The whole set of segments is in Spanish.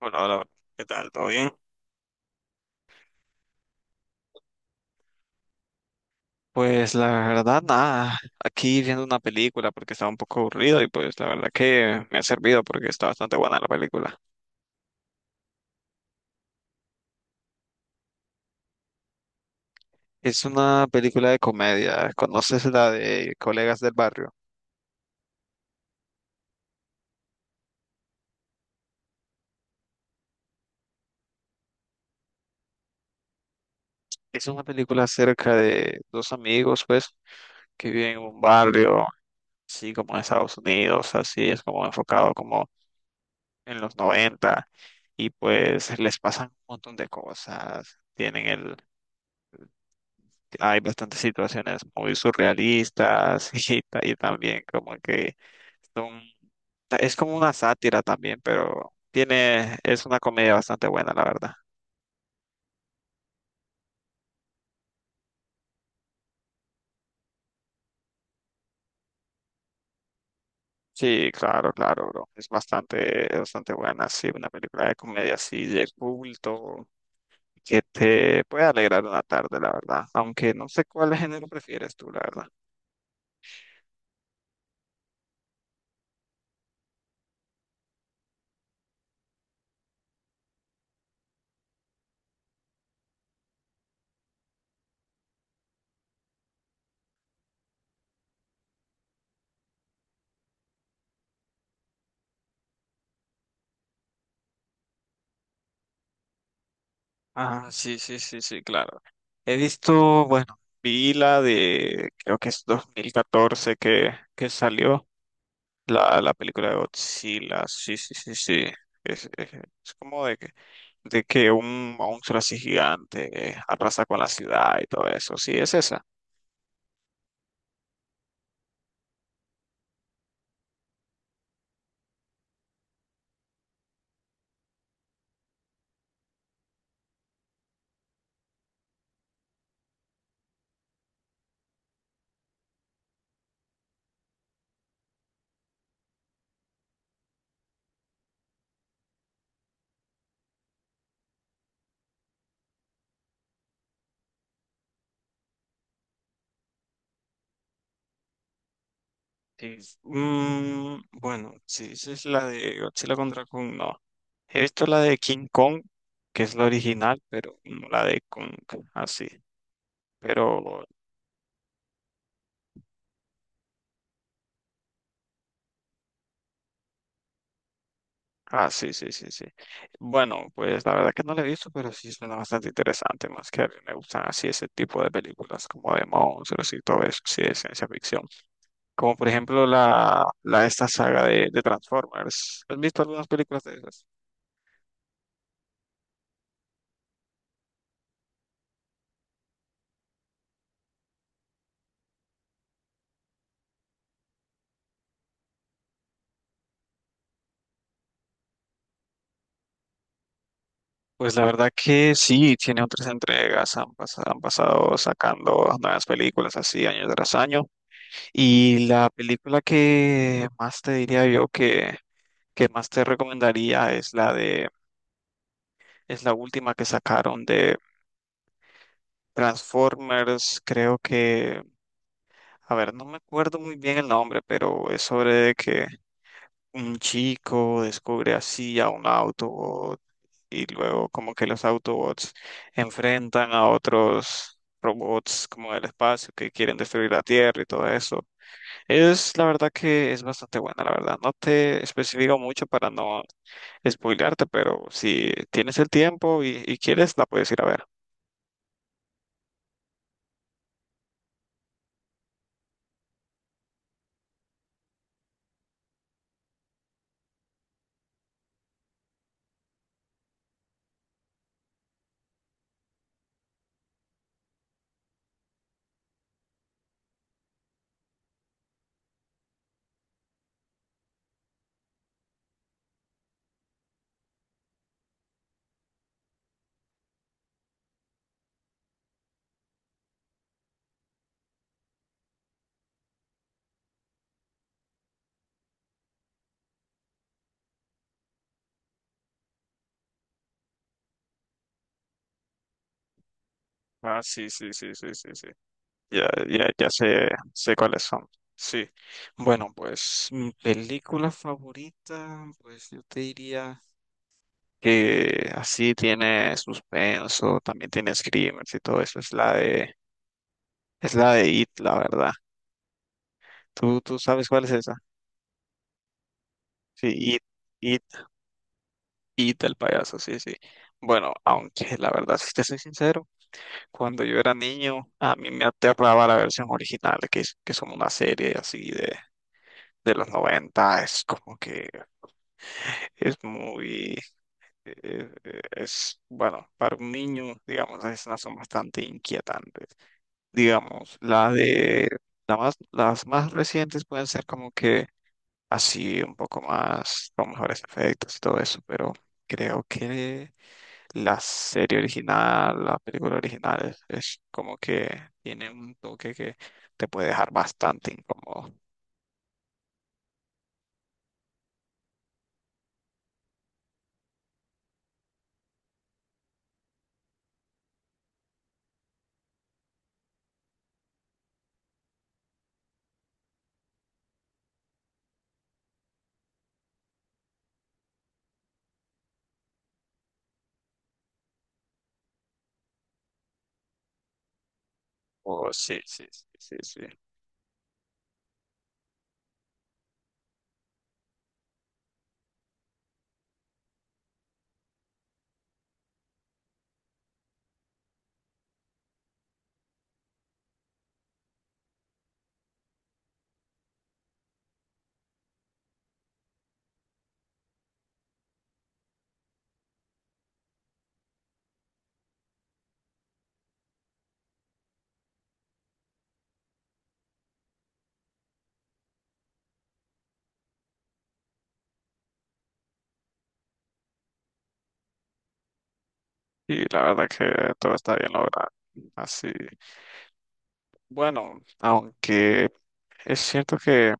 Hola, hola, ¿qué tal? ¿Todo bien? Pues la verdad, nada, aquí viendo una película porque estaba un poco aburrido y pues la verdad que me ha servido porque está bastante buena la película. Es una película de comedia, ¿conoces la de Colegas del Barrio? Es una película acerca de dos amigos pues que viven en un barrio, así como en Estados Unidos, así es como enfocado como en los 90 y pues les pasan un montón de cosas. Tienen el Hay bastantes situaciones muy surrealistas y, y también como que son- es como una sátira también, pero tiene, es una comedia bastante buena, la verdad. Sí, claro, claro, bro. Es bastante, bastante buena, sí, una película de comedia así de culto que te puede alegrar una tarde, la verdad. Aunque no sé cuál género prefieres tú, la verdad. Ah, sí, sí, sí, sí, claro. He visto, bueno, vi la de, creo que es 2014 que salió. La película de Godzilla, sí, sí, sí, sí. Es, es como de que un monstruo así gigante arrasa con la ciudad y todo eso. Sí, es esa. Sí. Mm, bueno, sí, esa es la de Godzilla contra Kong, no. He visto la de King Kong, que es la original, pero no la de Kong, así. Pero ah, sí, sí, sí, sí. Bueno, pues la verdad que no la he visto, pero sí suena bastante interesante, más que a mí me gustan así ese tipo de películas como de monstruos y todo eso, sí, de ciencia ficción. Como por ejemplo la esta saga de Transformers. ¿Has visto algunas películas de esas? Pues la verdad que sí, tiene otras entregas, han pasado sacando nuevas películas así año tras año. Y la película que más te diría yo que más te recomendaría es la de es la última que sacaron de Transformers, creo que, a ver, no me acuerdo muy bien el nombre, pero es sobre que un chico descubre así a un Autobot y luego como que los Autobots enfrentan a otros robots como del espacio que quieren destruir la Tierra y todo eso. Es la verdad que es bastante buena, la verdad. No te especifico mucho para no spoilearte, pero si tienes el tiempo y quieres, la puedes ir a ver. Ah, sí, sí, sí, sí, sí, sí. Ya, ya, ya sé, sé cuáles son. Sí. Bueno, pues mi película favorita, pues yo te diría que así tiene suspenso, también tiene screamers y todo eso. Es la de It, la verdad. ¿Tú sabes cuál es esa? Sí, It, It, It, el payaso, sí, sí. Bueno, aunque la verdad, si te soy sincero, cuando yo era niño, a mí me aterraba la versión original, que, que son una serie así de los 90 es como que es muy, es, bueno, para un niño, digamos, las escenas son bastante inquietantes. Digamos, la de, la más, las más recientes pueden ser como que así un poco más, con mejores efectos y todo eso, pero creo que la serie original, la película original es como que tiene un toque que te puede dejar bastante incómodo. Oh, sí, sí, sí, sí, sí. Y la verdad que todo está bien logrado. Así. Bueno, aunque es cierto que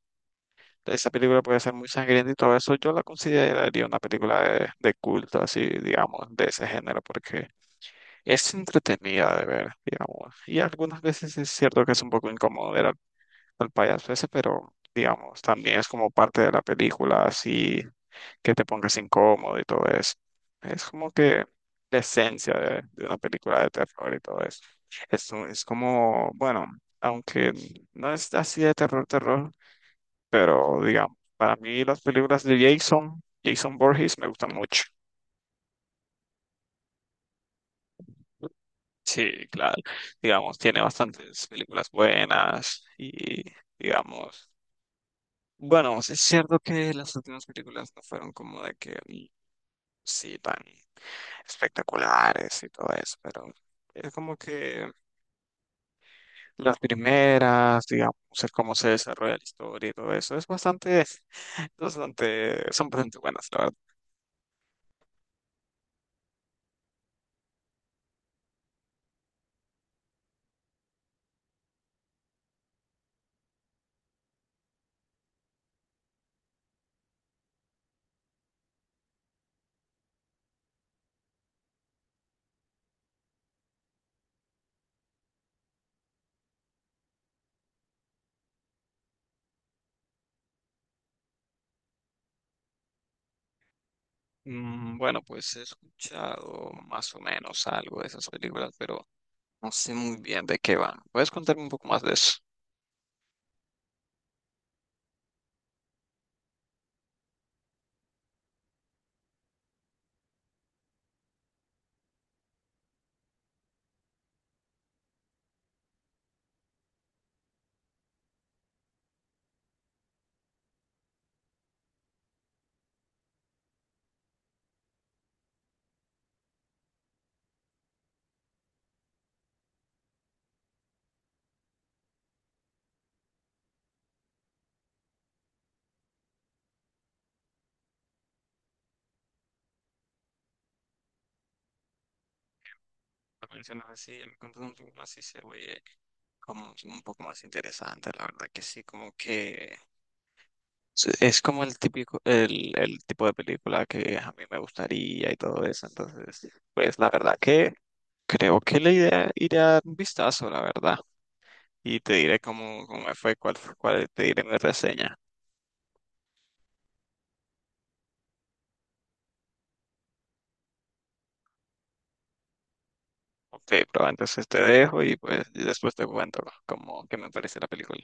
esa película puede ser muy sangrienta y todo eso, yo la consideraría una película de culto, así, digamos, de ese género, porque es entretenida de ver, digamos. Y algunas veces es cierto que es un poco incómodo ver al, al payaso ese, pero, digamos, también es como parte de la película, así, que te pongas incómodo y todo eso. Es como que la esencia de una película de terror y todo eso. Es, es como, bueno, aunque no es así de terror, terror, pero digamos, para mí las películas de Jason, Jason Borges me gustan mucho. Sí, claro. Digamos, tiene bastantes películas buenas y, digamos, bueno, es cierto que las últimas películas no fueron como de que, sí, tan espectaculares y todo eso, pero es como que las primeras, digamos, el cómo se desarrolla la historia y todo eso, es bastante, bastante, son bastante buenas, la verdad. Mm, bueno, pues he escuchado más o menos algo de esas películas, pero no sé muy bien de qué van. ¿Puedes contarme un poco más de eso? Lo mencionas así, me contas un poco más y se oye como un poco más interesante, la verdad que sí, como que sí, es como el típico, el tipo de película que a mí me gustaría y todo eso. Entonces, pues la verdad que creo que la idea iré a dar un vistazo, la verdad. Y te diré cómo, cómo me fue, cuál, cuál te diré mi reseña. Ok, pero entonces te dejo y pues y después te cuento cómo que me parece la película.